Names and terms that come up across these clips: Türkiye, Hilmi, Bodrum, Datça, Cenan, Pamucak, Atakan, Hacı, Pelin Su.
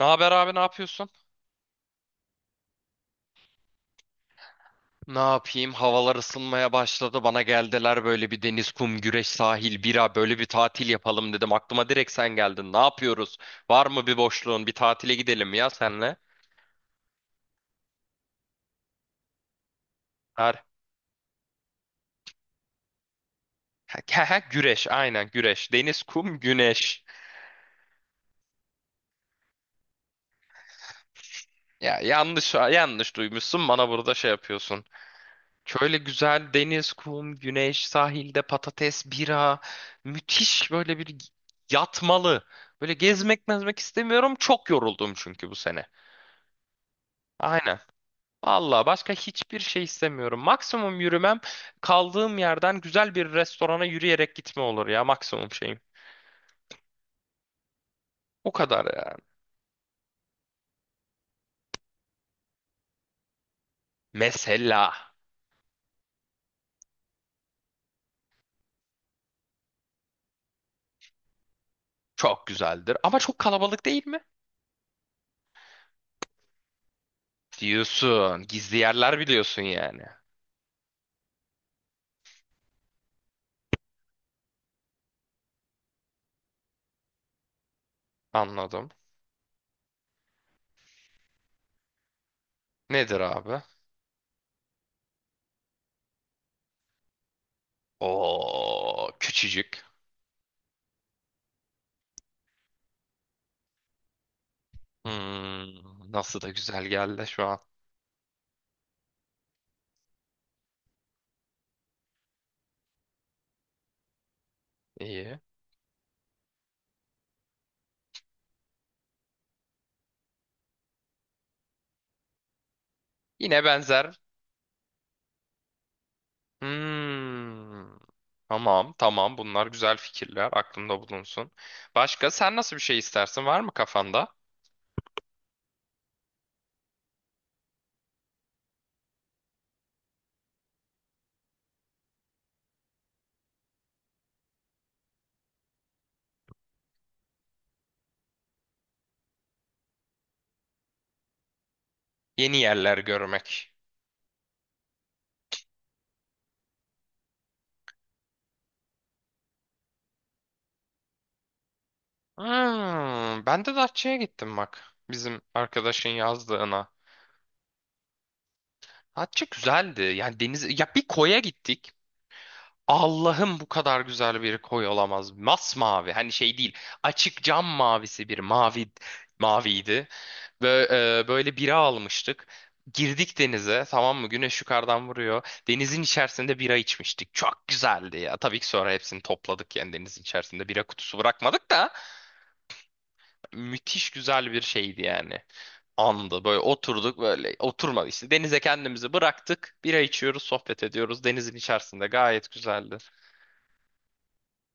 Ne haber abi ne yapıyorsun? Ne yapayım? Havalar ısınmaya başladı. Bana geldiler böyle bir deniz, kum, güreş, sahil, bira böyle bir tatil yapalım dedim. Aklıma direkt sen geldin. Ne yapıyoruz? Var mı bir boşluğun? Bir tatile gidelim ya senle. Har ha, ha, güreş aynen güreş. Deniz, kum, güneş. Ya yanlış yanlış duymuşsun. Bana burada şey yapıyorsun. Şöyle güzel deniz, kum, güneş, sahilde patates, bira. Müthiş böyle bir yatmalı. Böyle gezmek mezmek istemiyorum. Çok yoruldum çünkü bu sene. Aynen. Valla başka hiçbir şey istemiyorum. Maksimum yürümem kaldığım yerden güzel bir restorana yürüyerek gitme olur ya maksimum şeyim. O kadar ya. Mesela çok güzeldir ama çok kalabalık değil mi? Diyorsun. Gizli yerler biliyorsun yani. Anladım. Nedir abi? O küçücük. Nasıl da güzel geldi şu an. İyi. Yine benzer. Hmm. Tamam, tamam. Bunlar güzel fikirler. Aklımda bulunsun. Başka sen nasıl bir şey istersin? Var mı kafanda? Yeni yerler görmek. Hmm, Ben de Datça'ya gittim bak. Bizim arkadaşın yazdığına. Datça güzeldi. Yani deniz ya bir koya gittik. Allah'ım bu kadar güzel bir koy olamaz. Masmavi. Hani şey değil. Açık cam mavisi bir mavi maviydi. Ve böyle bira almıştık. Girdik denize tamam mı? Güneş yukarıdan vuruyor. Denizin içerisinde bira içmiştik. Çok güzeldi ya. Tabii ki sonra hepsini topladık yani denizin içerisinde bira kutusu bırakmadık da müthiş güzel bir şeydi yani. Andı böyle oturduk böyle oturmadı işte denize kendimizi bıraktık. Bira içiyoruz, sohbet ediyoruz. Denizin içerisinde gayet güzeldi.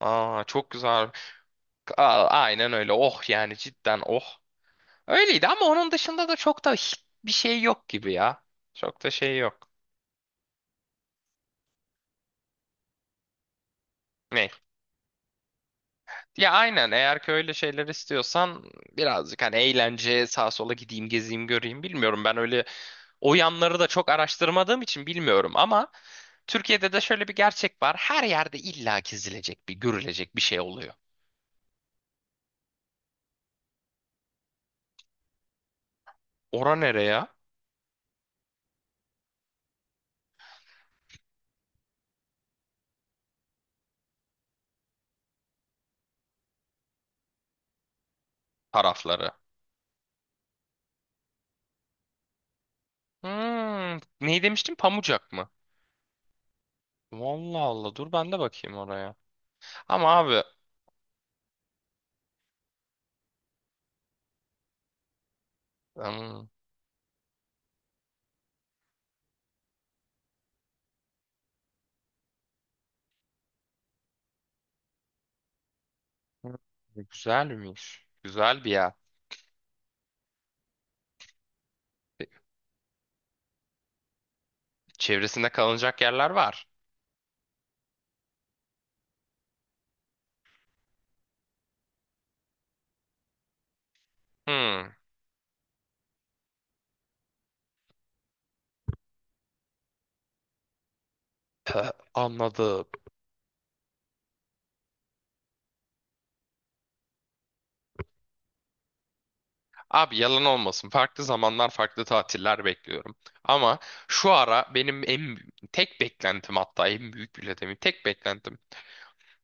Aa çok güzel. Aa, aynen öyle. Oh yani cidden oh. Öyleydi ama onun dışında da çok da hiç bir şey yok gibi ya. Çok da şey yok. Ne? Ya aynen eğer ki öyle şeyler istiyorsan birazcık hani eğlence sağa sola gideyim gezeyim göreyim bilmiyorum. Ben öyle o yanları da çok araştırmadığım için bilmiyorum ama Türkiye'de de şöyle bir gerçek var. Her yerde illa gezilecek bir görülecek bir şey oluyor. Ora nereye? Tarafları. Ne demiştim? Pamucak mı? Vallahi Allah dur ben de bakayım oraya. Ama abi hmm, güzelmiş. Güzel bir yer. Çevresinde kalınacak yerler var. Hmm, Anladım. Abi yalan olmasın. Farklı zamanlar, farklı tatiller bekliyorum. Ama şu ara benim en tek beklentim hatta en büyük bile demeyeyim. Tek beklentim.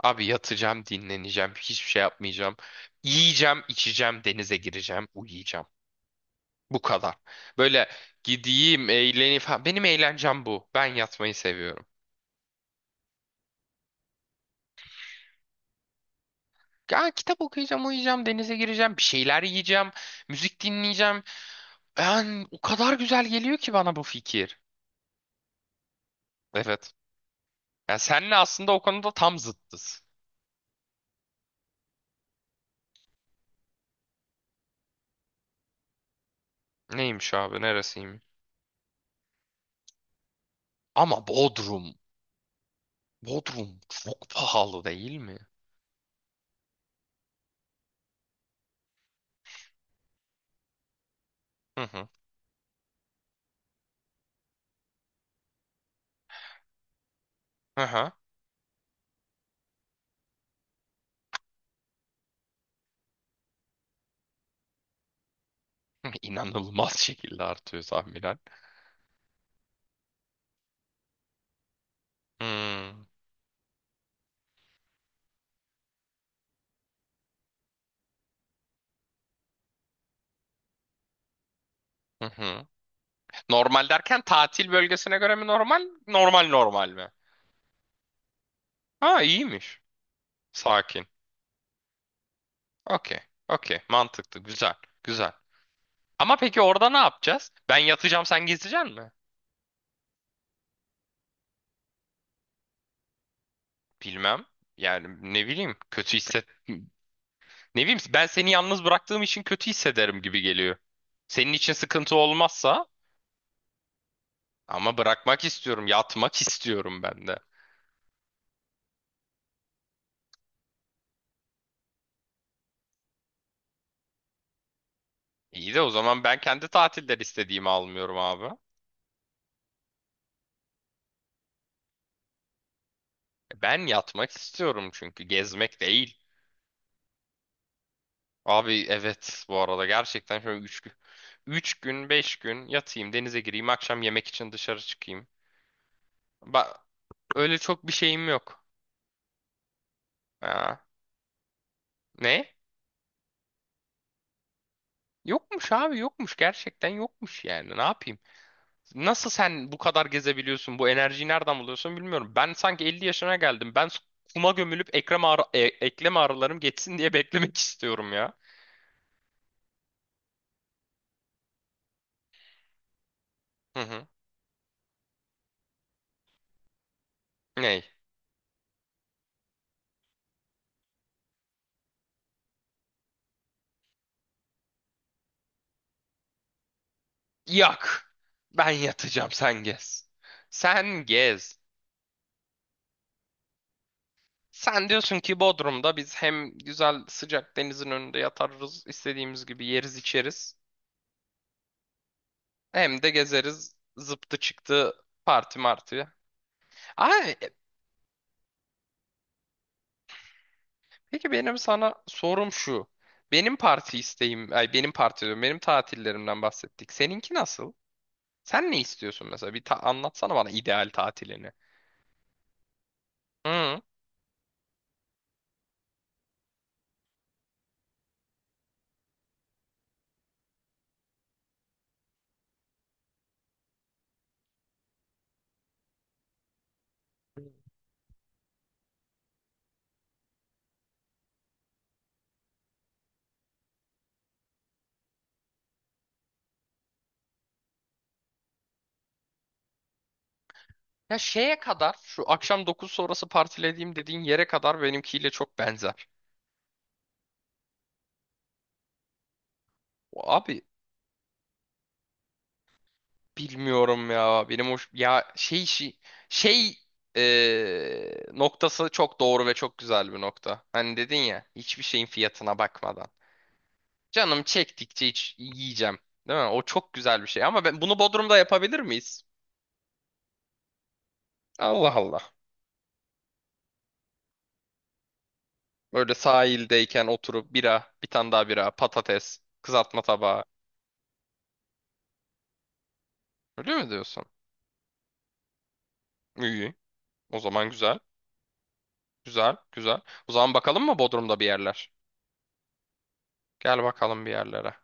Abi yatacağım, dinleneceğim, hiçbir şey yapmayacağım. Yiyeceğim, içeceğim, denize gireceğim, uyuyacağım. Bu kadar. Böyle gideyim, eğleneyim falan. Benim eğlencem bu. Ben yatmayı seviyorum. Ya kitap okuyacağım, uyuyacağım, denize gireceğim, bir şeyler yiyeceğim, müzik dinleyeceğim. Ben o kadar güzel geliyor ki bana bu fikir. Evet. Ya senle aslında o konuda tam zıttız. Neymiş abi, neresiymiş? Ama Bodrum. Bodrum çok pahalı değil mi? Hı hı. Hı hı. İnanılmaz şekilde artıyor tahminen. Hmm. Hı hı. Normal derken tatil bölgesine göre mi normal? Normal normal mi? Ha iyiymiş. Sakin. Okey. Okey. Mantıklı. Güzel. Güzel. Ama peki orada ne yapacağız? Ben yatacağım sen gezeceksin mi? Bilmem. Yani ne bileyim. Kötü hisset. Ne bileyim ben seni yalnız bıraktığım için kötü hissederim gibi geliyor. Senin için sıkıntı olmazsa ama bırakmak istiyorum. Yatmak istiyorum ben de. İyi de o zaman ben kendi tatiller istediğimi almıyorum abi. Ben yatmak istiyorum çünkü gezmek değil. Abi evet bu arada gerçekten şöyle 3 gün 5 gün yatayım denize gireyim akşam yemek için dışarı çıkayım. Bak öyle çok bir şeyim yok. Ha, ne? Yokmuş abi yokmuş gerçekten yokmuş yani ne yapayım? Nasıl sen bu kadar gezebiliyorsun bu enerjiyi nereden buluyorsun bilmiyorum. Ben sanki 50 yaşına geldim ben kuma gömülüp eklem ağrılarım geçsin diye beklemek istiyorum ya. Hı hı. Ney? Yak. Ben yatacağım sen gez. Sen gez. Sen diyorsun ki Bodrum'da biz hem güzel sıcak denizin önünde yatarız, istediğimiz gibi yeriz içeriz. Hem de gezeriz zıptı çıktı parti martı. Ay, peki benim sana sorum şu. Benim parti isteğim, ay benim parti diyorum, benim tatillerimden bahsettik. Seninki nasıl? Sen ne istiyorsun mesela? Anlatsana bana ideal tatilini. Hı. Ya şeye kadar şu akşam 9 sonrası partilediğim dediğin yere kadar benimkiyle çok benzer. Abi bilmiyorum ya. Benim hoş ya şey noktası çok doğru ve çok güzel bir nokta. Hani dedin ya hiçbir şeyin fiyatına bakmadan. Canım çektikçe hiç yiyeceğim. Değil mi? O çok güzel bir şey. Ama ben bunu Bodrum'da yapabilir miyiz? Allah Allah. Böyle sahildeyken oturup bira, bir tane daha bira, patates, kızartma tabağı. Öyle mi diyorsun? İyi. O zaman güzel. Güzel, güzel. O zaman bakalım mı Bodrum'da bir yerler? Gel bakalım bir yerlere.